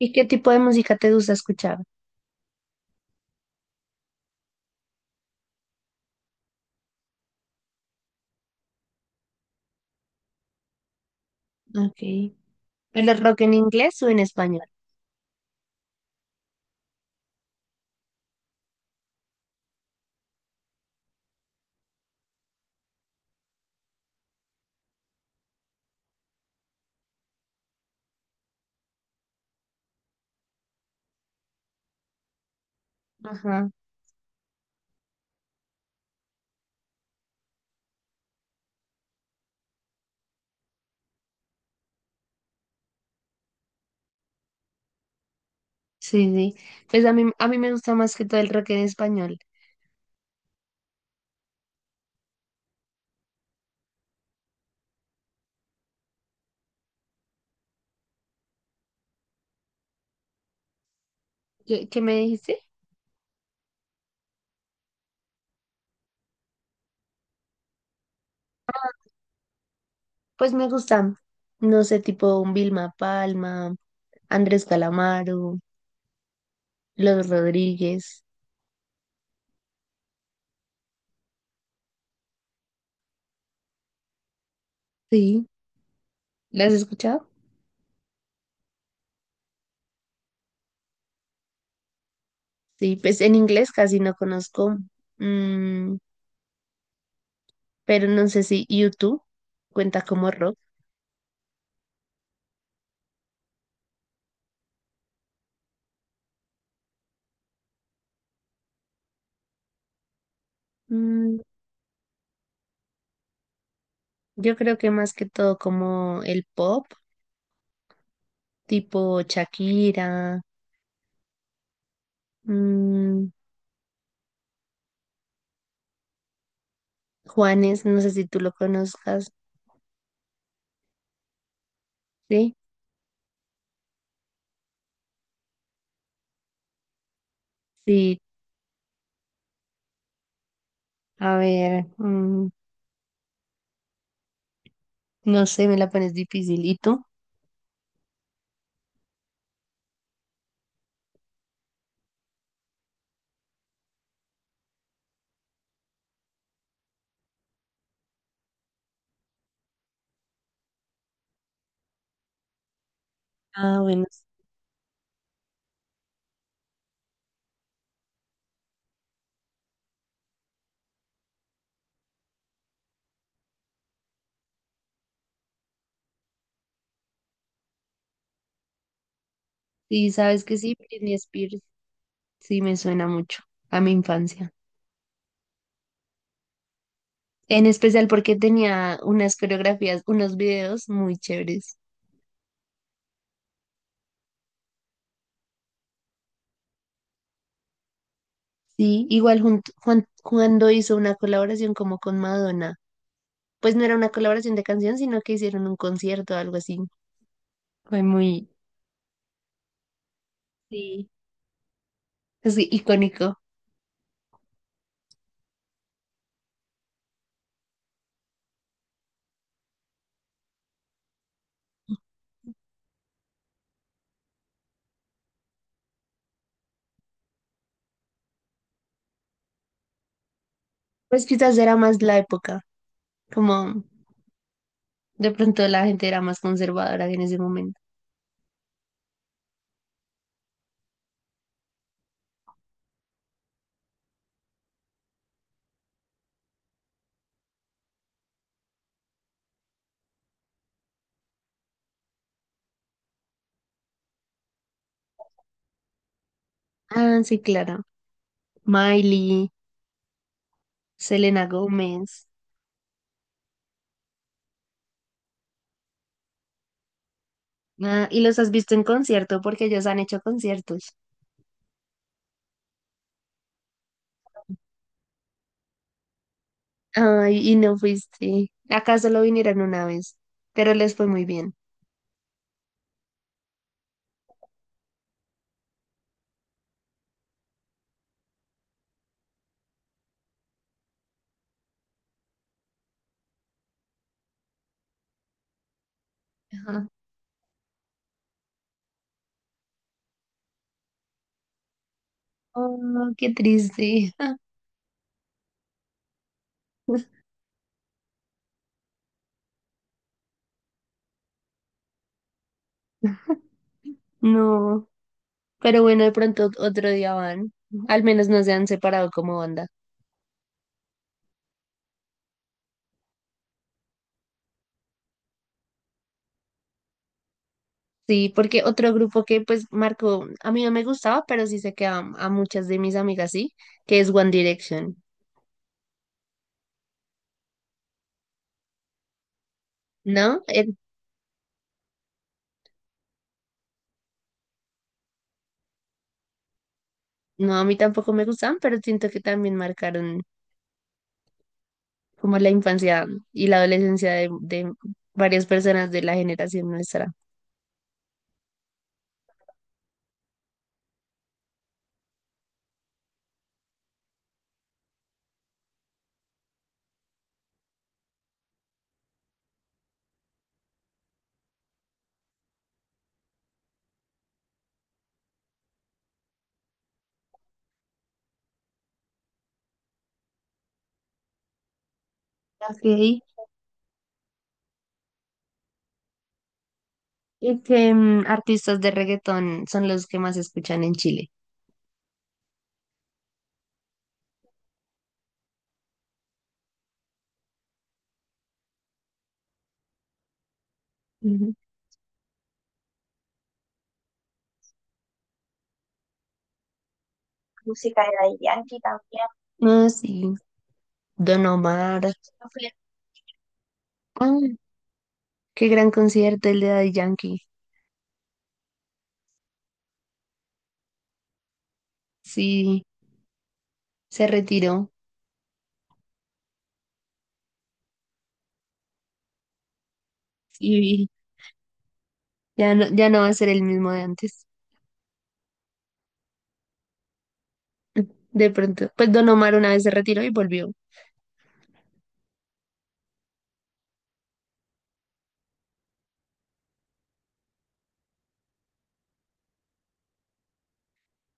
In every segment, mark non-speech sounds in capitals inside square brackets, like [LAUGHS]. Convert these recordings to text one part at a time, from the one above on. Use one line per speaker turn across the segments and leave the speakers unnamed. ¿Y qué tipo de música te gusta escuchar? Okay. ¿El rock en inglés o en español? Ajá. Sí, sí. Pues a mí me gusta más que todo el rock en español. ¿Qué me dijiste? Pues me gustan, no sé, tipo un Vilma Palma, Andrés Calamaro, Los Rodríguez. Sí. ¿Las has escuchado? Sí, pues en inglés casi no conozco, mm, pero no sé si YouTube cuenta como rock. Mm, yo creo que más que todo como el pop tipo Shakira, mm, Juanes, no sé si tú lo conozcas, ¿sí? Sí, a ver, no sé, me la pones difícil. ¿Y tú? Ah, bueno, sí, sabes que sí, Britney Spears, sí me suena mucho a mi infancia. En especial porque tenía unas coreografías, unos videos muy chéveres. Sí, igual Juan, cuando hizo una colaboración como con Madonna. Pues no era una colaboración de canción, sino que hicieron un concierto o algo así. Fue muy, sí, es icónico. Pues quizás era más la época, como de pronto la gente era más conservadora en ese momento. Ah, sí, claro. Miley, Selena Gómez. Ah, ¿y los has visto en concierto? Porque ellos han hecho conciertos. Ay, y no fuiste. Acá solo vinieron una vez, pero les fue muy bien. Ajá. Oh, qué triste. [LAUGHS] No. Pero bueno, de pronto otro día van. Al menos no se han separado como banda. Sí, porque otro grupo que pues marcó, a mí no me gustaba, pero sí sé que a muchas de mis amigas sí, que es One Direction. ¿No? No, a mí tampoco me gustaban, pero siento que también marcaron como la infancia y la adolescencia de varias personas de la generación nuestra. Ok. ¿Y qué artistas de reggaetón son los que más escuchan en Chile? Ujú. Música de Daddy Yankee también. Ah, sí. Don Omar. Ah, qué gran concierto el de Daddy Yankee. Sí, se retiró y ya no, ya no va a ser el mismo de antes. De pronto, pues Don Omar una vez se retiró y volvió.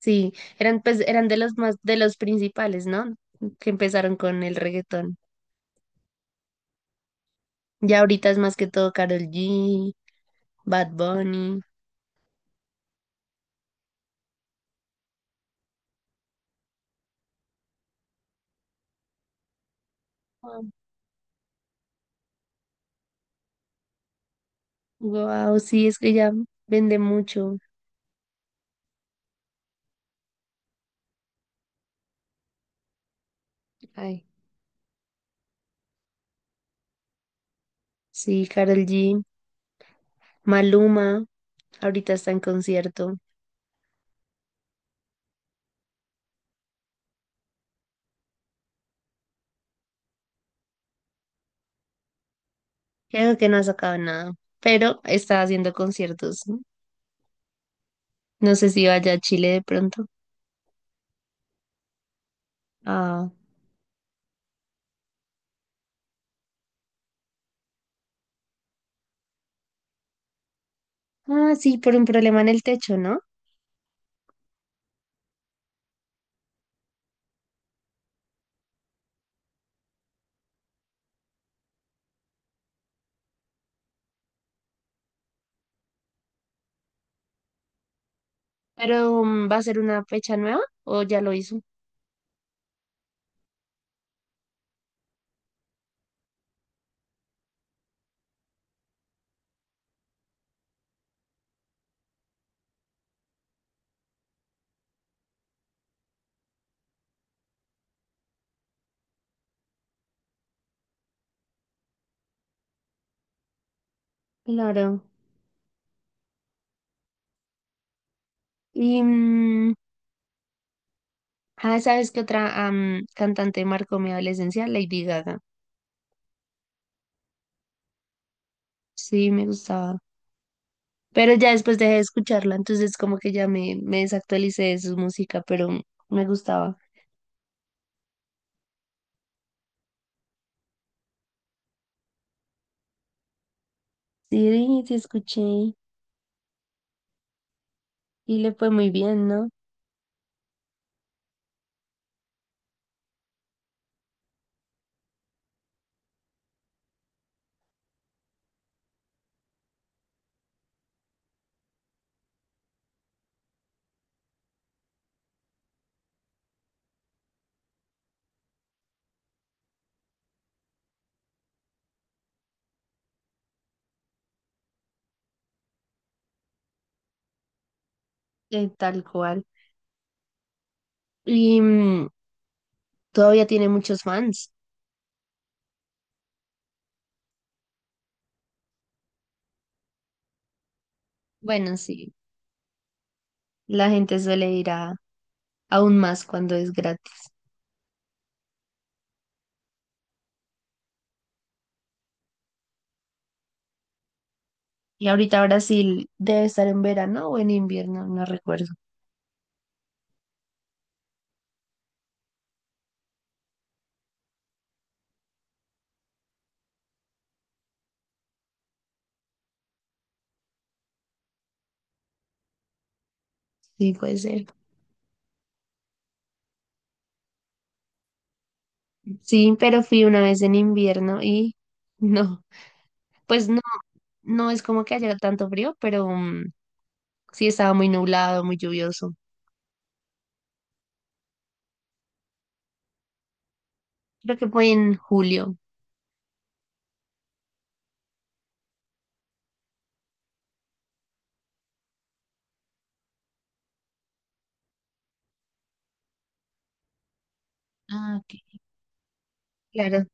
Sí, eran pues eran de los más, de los principales, ¿no? Que empezaron con el reggaetón. Ya ahorita es más que todo Karol G, Bad Bunny. Wow, sí, es que ya vende mucho. Ay, sí, Karol G, Maluma, ahorita está en concierto. Creo que no ha sacado nada, pero está haciendo conciertos. No, no sé si vaya a Chile de pronto. Ah, ah, sí, por un problema en el techo, ¿no? Pero ¿va a ser una fecha nueva o ya lo hizo? Claro. Y, ¿sabes qué otra cantante marcó mi adolescencia? Lady Gaga. Sí, me gustaba. Pero ya después dejé de escucharla, entonces como que ya me desactualicé de su música, pero me gustaba. Sí, sí, sí, escuché y le fue muy bien, ¿no? Tal cual. Y todavía tiene muchos fans. Bueno, sí, la gente suele ir a aún más cuando es gratis. Y ahorita Brasil debe estar en verano o en invierno, no recuerdo. Sí, puede ser. Sí, pero fui una vez en invierno y [LAUGHS] no, pues no, no es como que haya tanto frío, pero sí estaba muy nublado, muy lluvioso. Creo que fue en julio. Ah, ok. Claro,